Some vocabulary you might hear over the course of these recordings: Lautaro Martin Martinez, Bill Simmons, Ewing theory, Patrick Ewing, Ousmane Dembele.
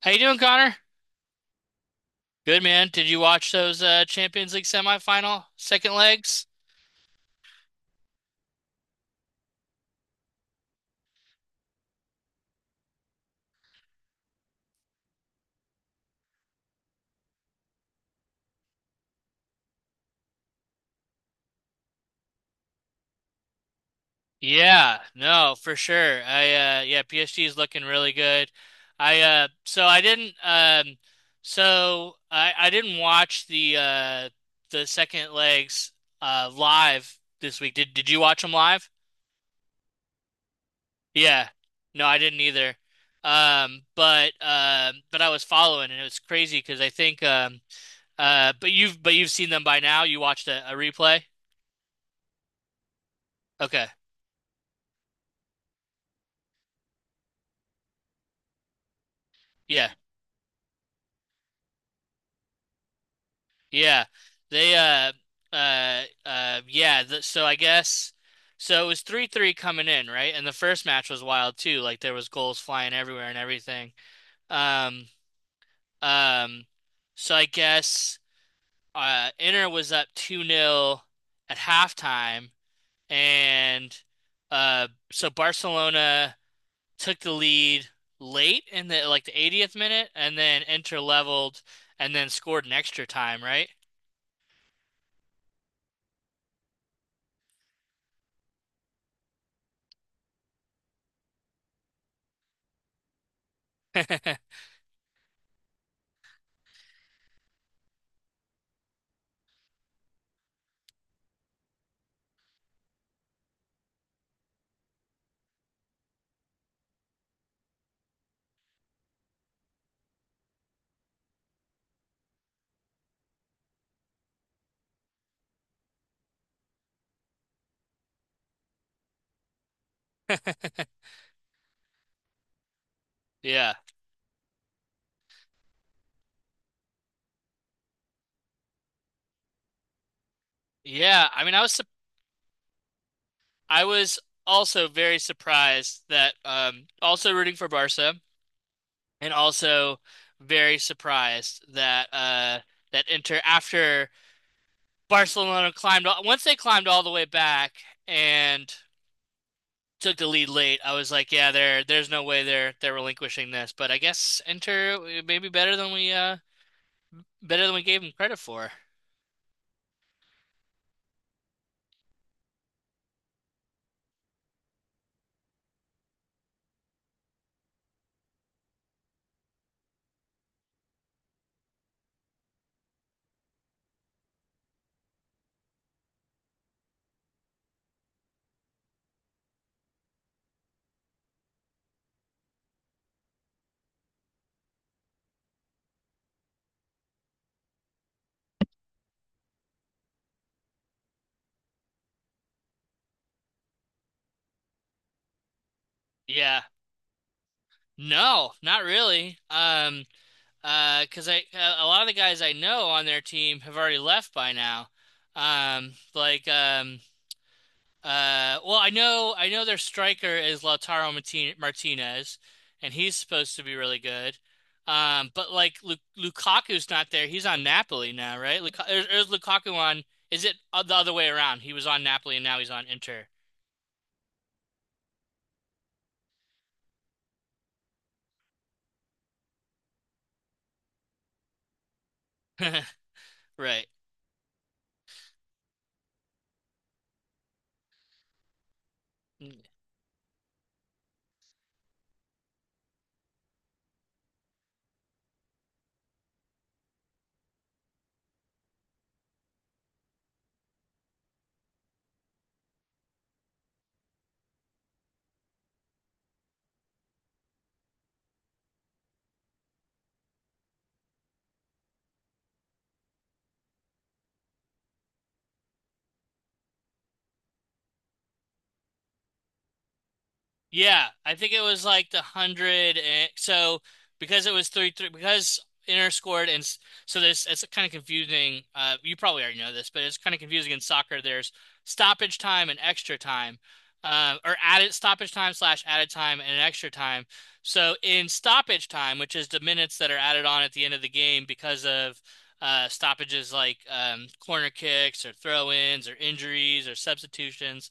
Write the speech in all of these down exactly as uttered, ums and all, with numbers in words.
How you doing, Connor? Good man. Did you watch those uh, Champions League semifinal second legs? Yeah, no, for sure. I uh yeah, P S G is looking really good. I uh so I didn't um so I I didn't watch the uh the second legs uh live this week. Did did you watch them live? Yeah. No, I didn't either. Um but um but I was following, and it was crazy because I think um Uh, but you've but you've seen them by now. You watched a, a replay. Okay. Yeah. Yeah. They uh uh uh yeah. Th so I guess so. It was three three coming in, right? And the first match was wild too. Like, there was goals flying everywhere and everything. Um um. So I guess uh Inter was up two nil at halftime, and uh so Barcelona took the lead late, in the like the eightieth minute, and then Inter leveled and then scored an extra time, right? Yeah. Yeah, I mean I was sup- I was also very surprised that um also rooting for Barca, and also very surprised that uh that Inter, after Barcelona climbed all- once they climbed all the way back and took the lead late, I was like, yeah, there there's no way they're they're relinquishing this. But I guess Inter, uh, maybe better than we uh Better than we gave him credit for. Yeah. No, not really. Um, uh, cause I, uh, a lot of the guys I know on their team have already left by now. Um, like um, uh, well, I know I know their striker is Lautaro Martin Martinez, and he's supposed to be really good. Um, but like, Lu Lukaku's not there. He's on Napoli now, right? Luka or, or is Lukaku on? Is it the other way around? He was on Napoli, and now he's on Inter. Right. Yeah, I think it was like the hundred and so, because it was three three, because Inter scored and s- so this it's kind of confusing. Uh, you probably already know this, but it's kind of confusing in soccer. There's stoppage time and extra time, uh, or added stoppage time slash added time and extra time. So in stoppage time, which is the minutes that are added on at the end of the game because of uh, stoppages like um, corner kicks or throw-ins or injuries or substitutions.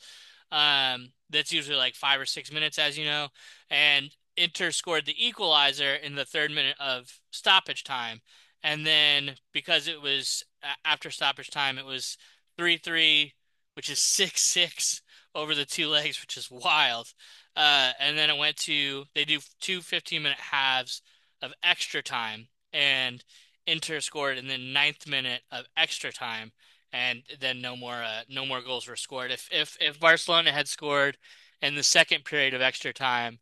Um, that's usually like five or six minutes, as you know. And Inter scored the equalizer in the third minute of stoppage time. And then, because it was, uh, after stoppage time, it was three three, which is six six over the two legs, which is wild. Uh, and then it went to, they do two minute halves of extra time. And Inter scored in the ninth minute of extra time, and then no more uh, no more goals were scored. If if if Barcelona had scored in the second period of extra time,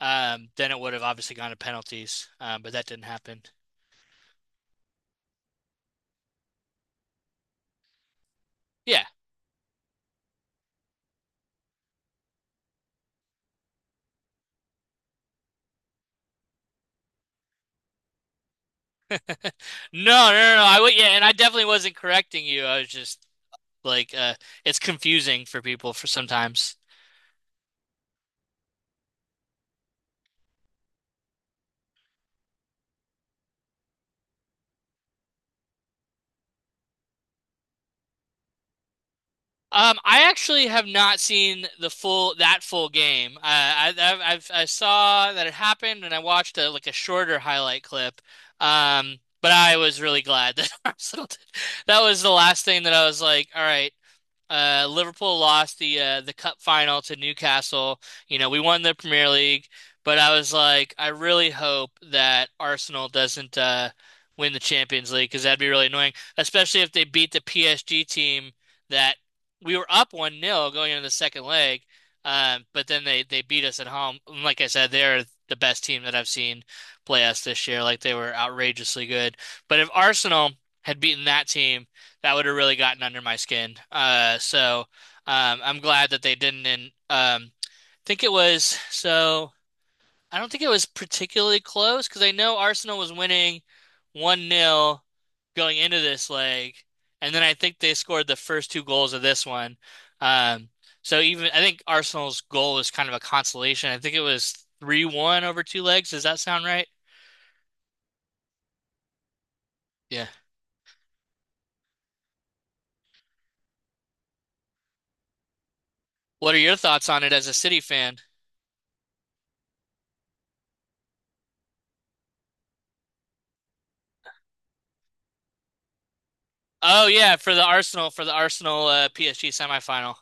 um, then it would have obviously gone to penalties. Um, but that didn't happen. Yeah. No, no, no, no. I would, yeah, and I definitely wasn't correcting you. I was just like, uh, it's confusing for people for sometimes. Um, I actually have not seen the full that full game. Uh, I I I've, I saw that it happened, and I watched a, like a shorter highlight clip. Um, but I was really glad that Arsenal did. That was the last thing that I was like, all right, uh, Liverpool lost the uh, the cup final to Newcastle. You know, we won the Premier League, but I was like, I really hope that Arsenal doesn't uh, win the Champions League, because that'd be really annoying, especially if they beat the P S G team that we were up one nil going into the second leg. Um, but then they they beat us at home. And, like I said, they're the best team that I've seen play us this year. Like, they were outrageously good. But if Arsenal had beaten that team, that would have really gotten under my skin. Uh, so um, I'm glad that they didn't. And, um, think it was so. I don't think it was particularly close, because I know Arsenal was winning one nil going into this leg, and then I think they scored the first two goals of this one. Um, so even I think Arsenal's goal was kind of a consolation. I think it was three one over two legs. Does that sound right? Yeah. What are your thoughts on it as a City fan? Oh yeah, for the Arsenal for the Arsenal, uh, P S G semifinal.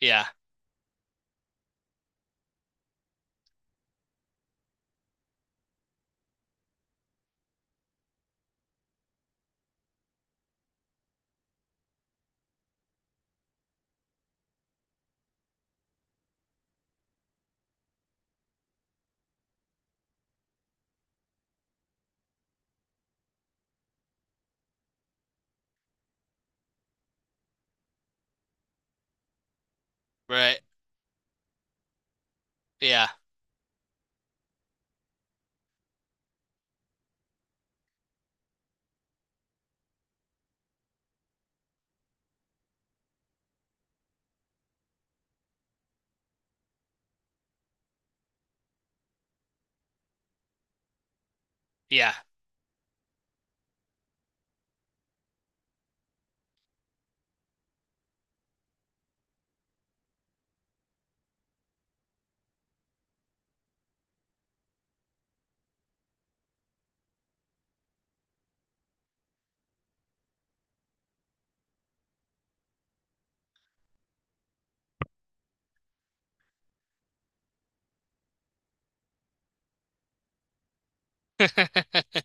Yeah, right. Yeah, yeah.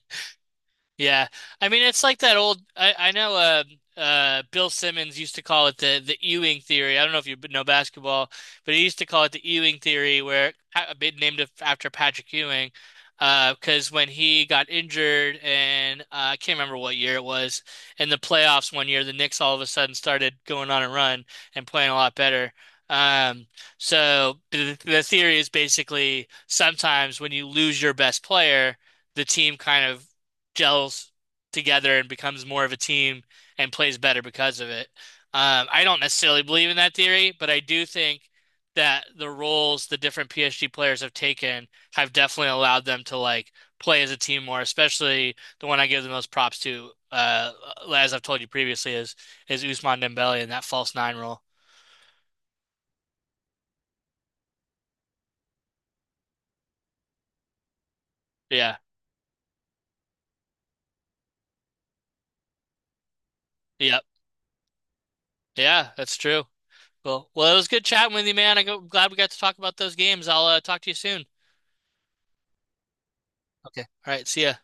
Yeah. I mean, it's like that old, I, I know uh uh Bill Simmons used to call it the the Ewing theory. I don't know if you know basketball, but he used to call it the Ewing theory, where a bit named af- after Patrick Ewing, uh because when he got injured, and uh, I can't remember what year it was, in the playoffs one year the Knicks all of a sudden started going on a run and playing a lot better. Um so the, the theory is basically, sometimes when you lose your best player, the team kind of gels together and becomes more of a team, and plays better because of it. Um, I don't necessarily believe in that theory, but I do think that the roles the different P S G players have taken have definitely allowed them to, like, play as a team more, especially the one I give the most props to, uh, as I've told you previously, is is Ousmane Dembele and that false nine role. Yeah. Yep. Yeah, that's true. Cool. Well, it was good chatting with you, man. I'm glad we got to talk about those games. I'll, uh, talk to you soon. Okay. All right. See ya.